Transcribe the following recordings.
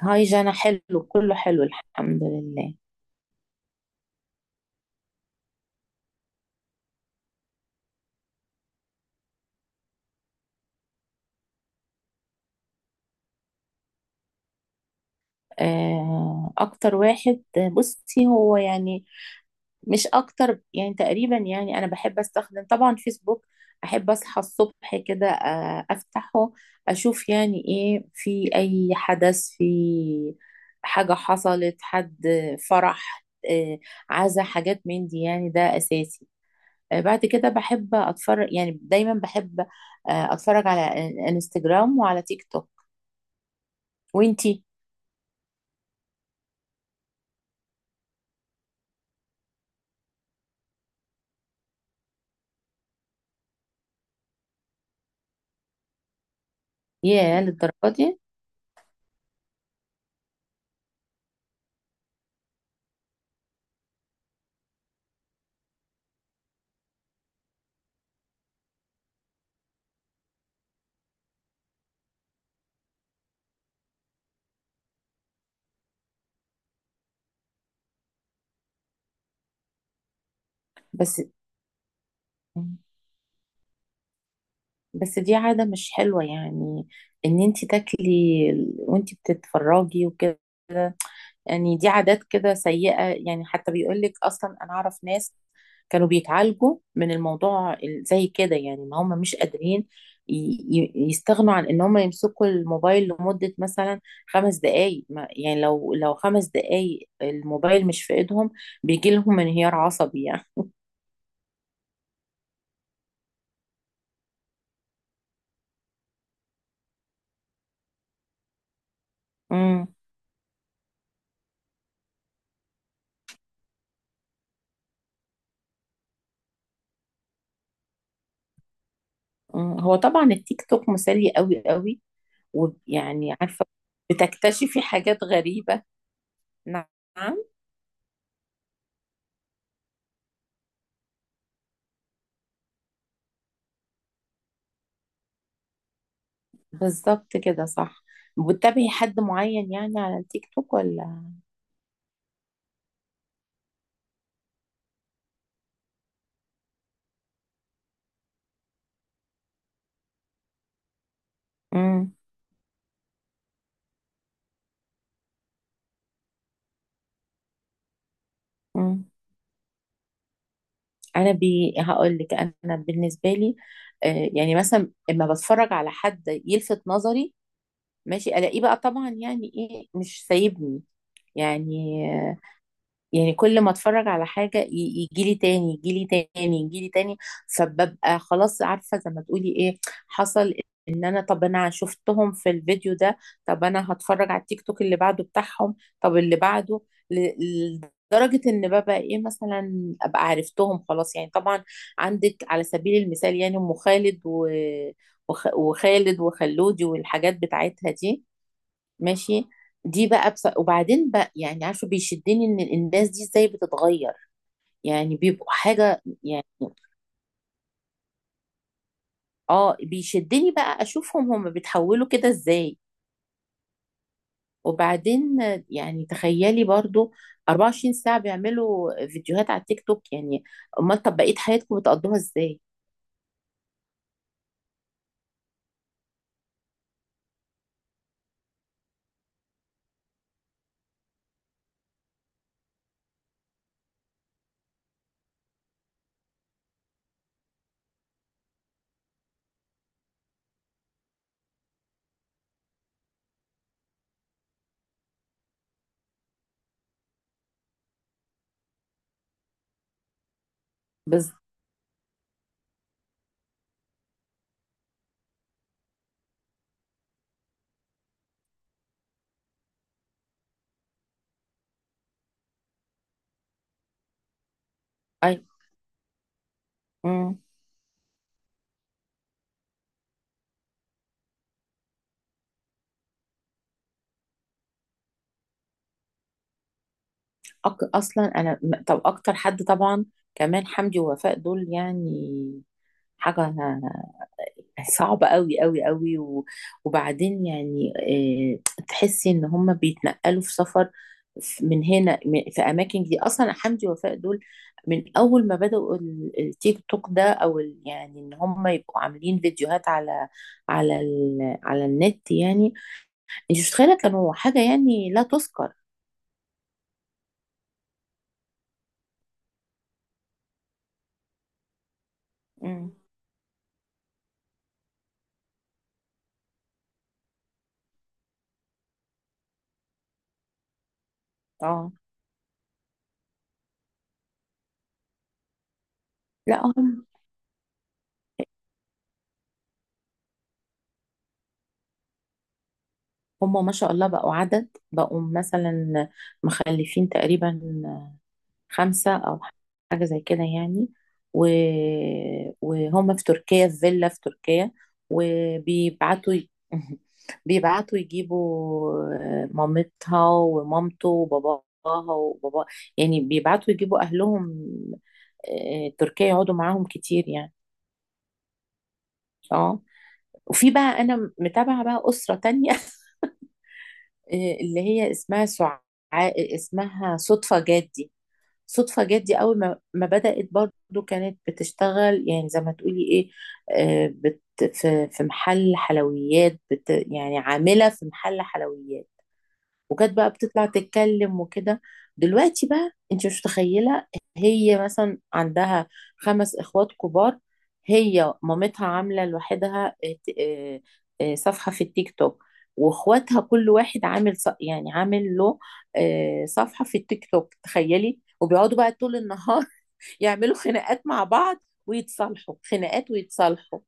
هاي جانا، حلو كله حلو، الحمد لله. اكتر واحد. بصي هو يعني مش اكتر، يعني تقريبا، يعني انا بحب استخدم طبعا فيسبوك. احب اصحى الصبح كده، افتحه، اشوف يعني ايه، في اي حدث، في حاجة حصلت، حد فرح، آه، عزا، حاجات من دي يعني، ده اساسي. بعد كده بحب اتفرج، يعني دايما بحب اتفرج على انستجرام وعلى تيك توك. وانتي؟ ياه، للدرجة دي؟ بس بس دي عادة مش حلوة، يعني ان انت تاكلي وانت بتتفرجي وكده، يعني دي عادات كده سيئة يعني. حتى بيقولك اصلا، انا اعرف ناس كانوا بيتعالجوا من الموضوع زي كده، يعني ان هم مش قادرين ي- يستغنوا عن ان هم يمسكوا الموبايل لمدة مثلا خمس دقايق. يعني لو خمس دقايق الموبايل مش في ايدهم بيجي لهم انهيار عصبي يعني. مم. هو طبعا التيك توك مسلي قوي قوي، ويعني عارفة بتكتشفي حاجات غريبة. نعم، بالظبط كده، صح. بتتابعي حد معين يعني على التيك توك ولا؟ مم. مم. انا هقول لك، انا بالنسبة لي يعني مثلا اما بتفرج على حد يلفت نظري، ماشي، الاقيه بقى، طبعا يعني ايه مش سايبني يعني. يعني كل ما اتفرج على حاجة يجيلي تاني، يجيلي تاني، يجيلي تاني. فببقى خلاص، عارفة زي ما تقولي ايه، حصل ان انا، طب انا شفتهم في الفيديو ده، طب انا هتفرج على التيك توك اللي بعده بتاعهم، طب اللي بعده. ل- لدرجة ان ببقى ايه، مثلا ابقى عرفتهم خلاص يعني طبعا. عندك على سبيل المثال يعني ام خالد وخالد وخلودي، والحاجات بتاعتها دي. ماشي. دي بقى وبعدين بقى يعني عارفه بيشدني ان الناس دي ازاي بتتغير، يعني بيبقوا حاجه يعني. اه، بيشدني بقى اشوفهم هم بيتحولوا كده ازاي. وبعدين يعني تخيلي برضو 24 ساعه بيعملوا فيديوهات على التيك توك يعني. امال طب بقيه حياتكم بتقضوها ازاي؟ بس. اي. مم. اصلا انا طب اكتر حد طبعا كمان، حمدي ووفاء دول، يعني حاجه صعبة قوي قوي قوي وبعدين يعني تحسي ان هم بيتنقلوا في سفر من هنا في اماكن. دي اصلا حمدي ووفاء دول من اول ما بدأوا التيك توك ده، او يعني ان هم يبقوا عاملين فيديوهات على على النت يعني. انت مش متخيلة، كانوا حاجة يعني لا تذكر. مم. اه. لا، هم ما شاء الله بقوا عدد، بقوا مثلا مخلفين تقريبا خمسة أو حاجة زي كده يعني. و... وهم في تركيا، في فيلا في تركيا، وبيبعتوا بيبعتوا يجيبوا مامتها ومامته وباباها وبابا، يعني بيبعتوا يجيبوا أهلهم تركيا، يقعدوا معاهم كتير يعني. اه. وفي بقى أنا متابعة بقى أسرة تانية اللي هي اسمها اسمها صدفة جدي. صدفة جت دي أول ما بدأت برضو كانت بتشتغل يعني زي ما تقولي إيه، بت في محل حلويات، بت يعني عاملة في محل حلويات. وكانت بقى بتطلع تتكلم وكده. دلوقتي بقى انت مش متخيله، هي مثلا عندها خمس اخوات كبار. هي مامتها عامله لوحدها اه، صفحه في التيك توك، واخواتها كل واحد عامل يعني عامل له اه، صفحه في التيك توك، تخيلي. وبيقعدوا بقى طول النهار يعملوا خناقات مع بعض ويتصالحوا، خناقات ويتصالحوا.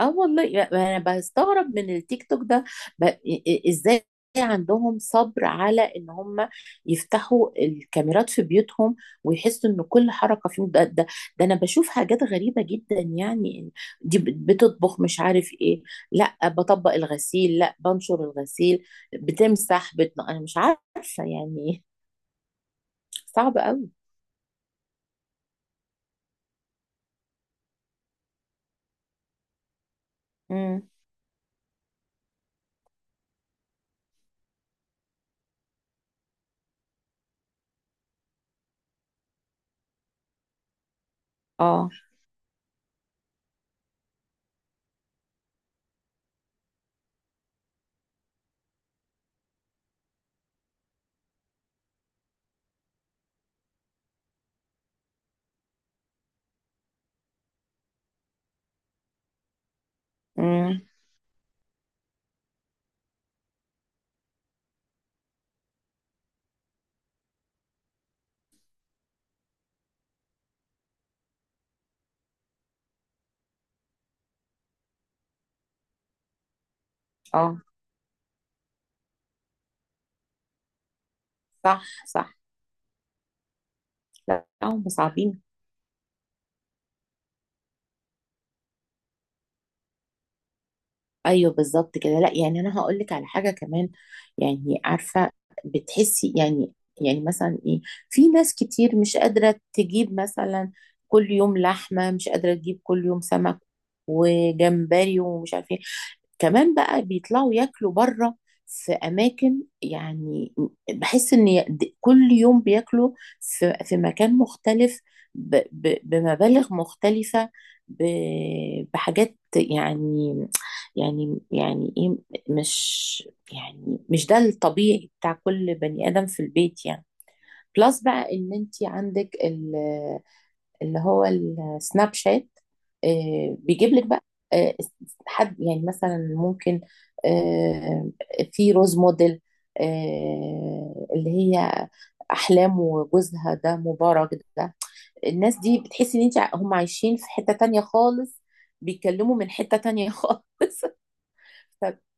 اه والله انا بستغرب من التيك توك ده. ازاي عندهم صبر على ان هم يفتحوا الكاميرات في بيوتهم، ويحسوا ان كل حركه فيهم، ده انا بشوف حاجات غريبه جدا يعني. دي بتطبخ، مش عارف ايه، لا بطبق الغسيل، لا بنشر الغسيل، بتمسح، انا مش عارفه يعني. صعب قوي. امم. اه. امم. اه. صح، صح. لا، هم صعبين. ايوه بالظبط كده. لا يعني انا هقول لك على حاجه كمان، يعني عارفه بتحسي يعني، يعني مثلا ايه، في ناس كتير مش قادره تجيب مثلا كل يوم لحمه، مش قادره تجيب كل يوم سمك وجمبري ومش عارفه ايه. كمان بقى بيطلعوا ياكلوا بره، في اماكن، يعني بحس ان كل يوم بياكلوا في مكان مختلف، بمبالغ مختلفه، بحاجات، يعني يعني ايه، مش يعني، مش ده الطبيعي بتاع كل بني ادم في البيت يعني. بلس بقى ان انت عندك اللي هو السناب شات، بيجيب لك بقى آه، حد يعني مثلا ممكن آه، في روز موديل، اللي هي احلام وجوزها ده مبارك ده. الناس دي بتحسي ان انت، هم عايشين في حتة تانية خالص، بيتكلموا من حتة تانية خالص.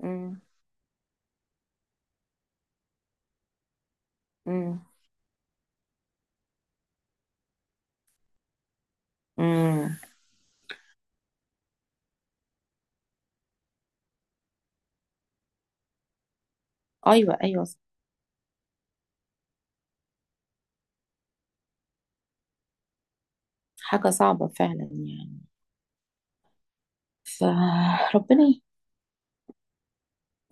ف... امم. امم. ايوه، ايوه. حاجه صعبه فعلا يعني. فربنا ي-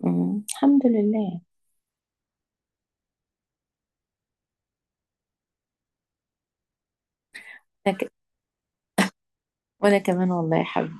مم. الحمد لله. أنا ك- وانا كمان والله يا حبيبي.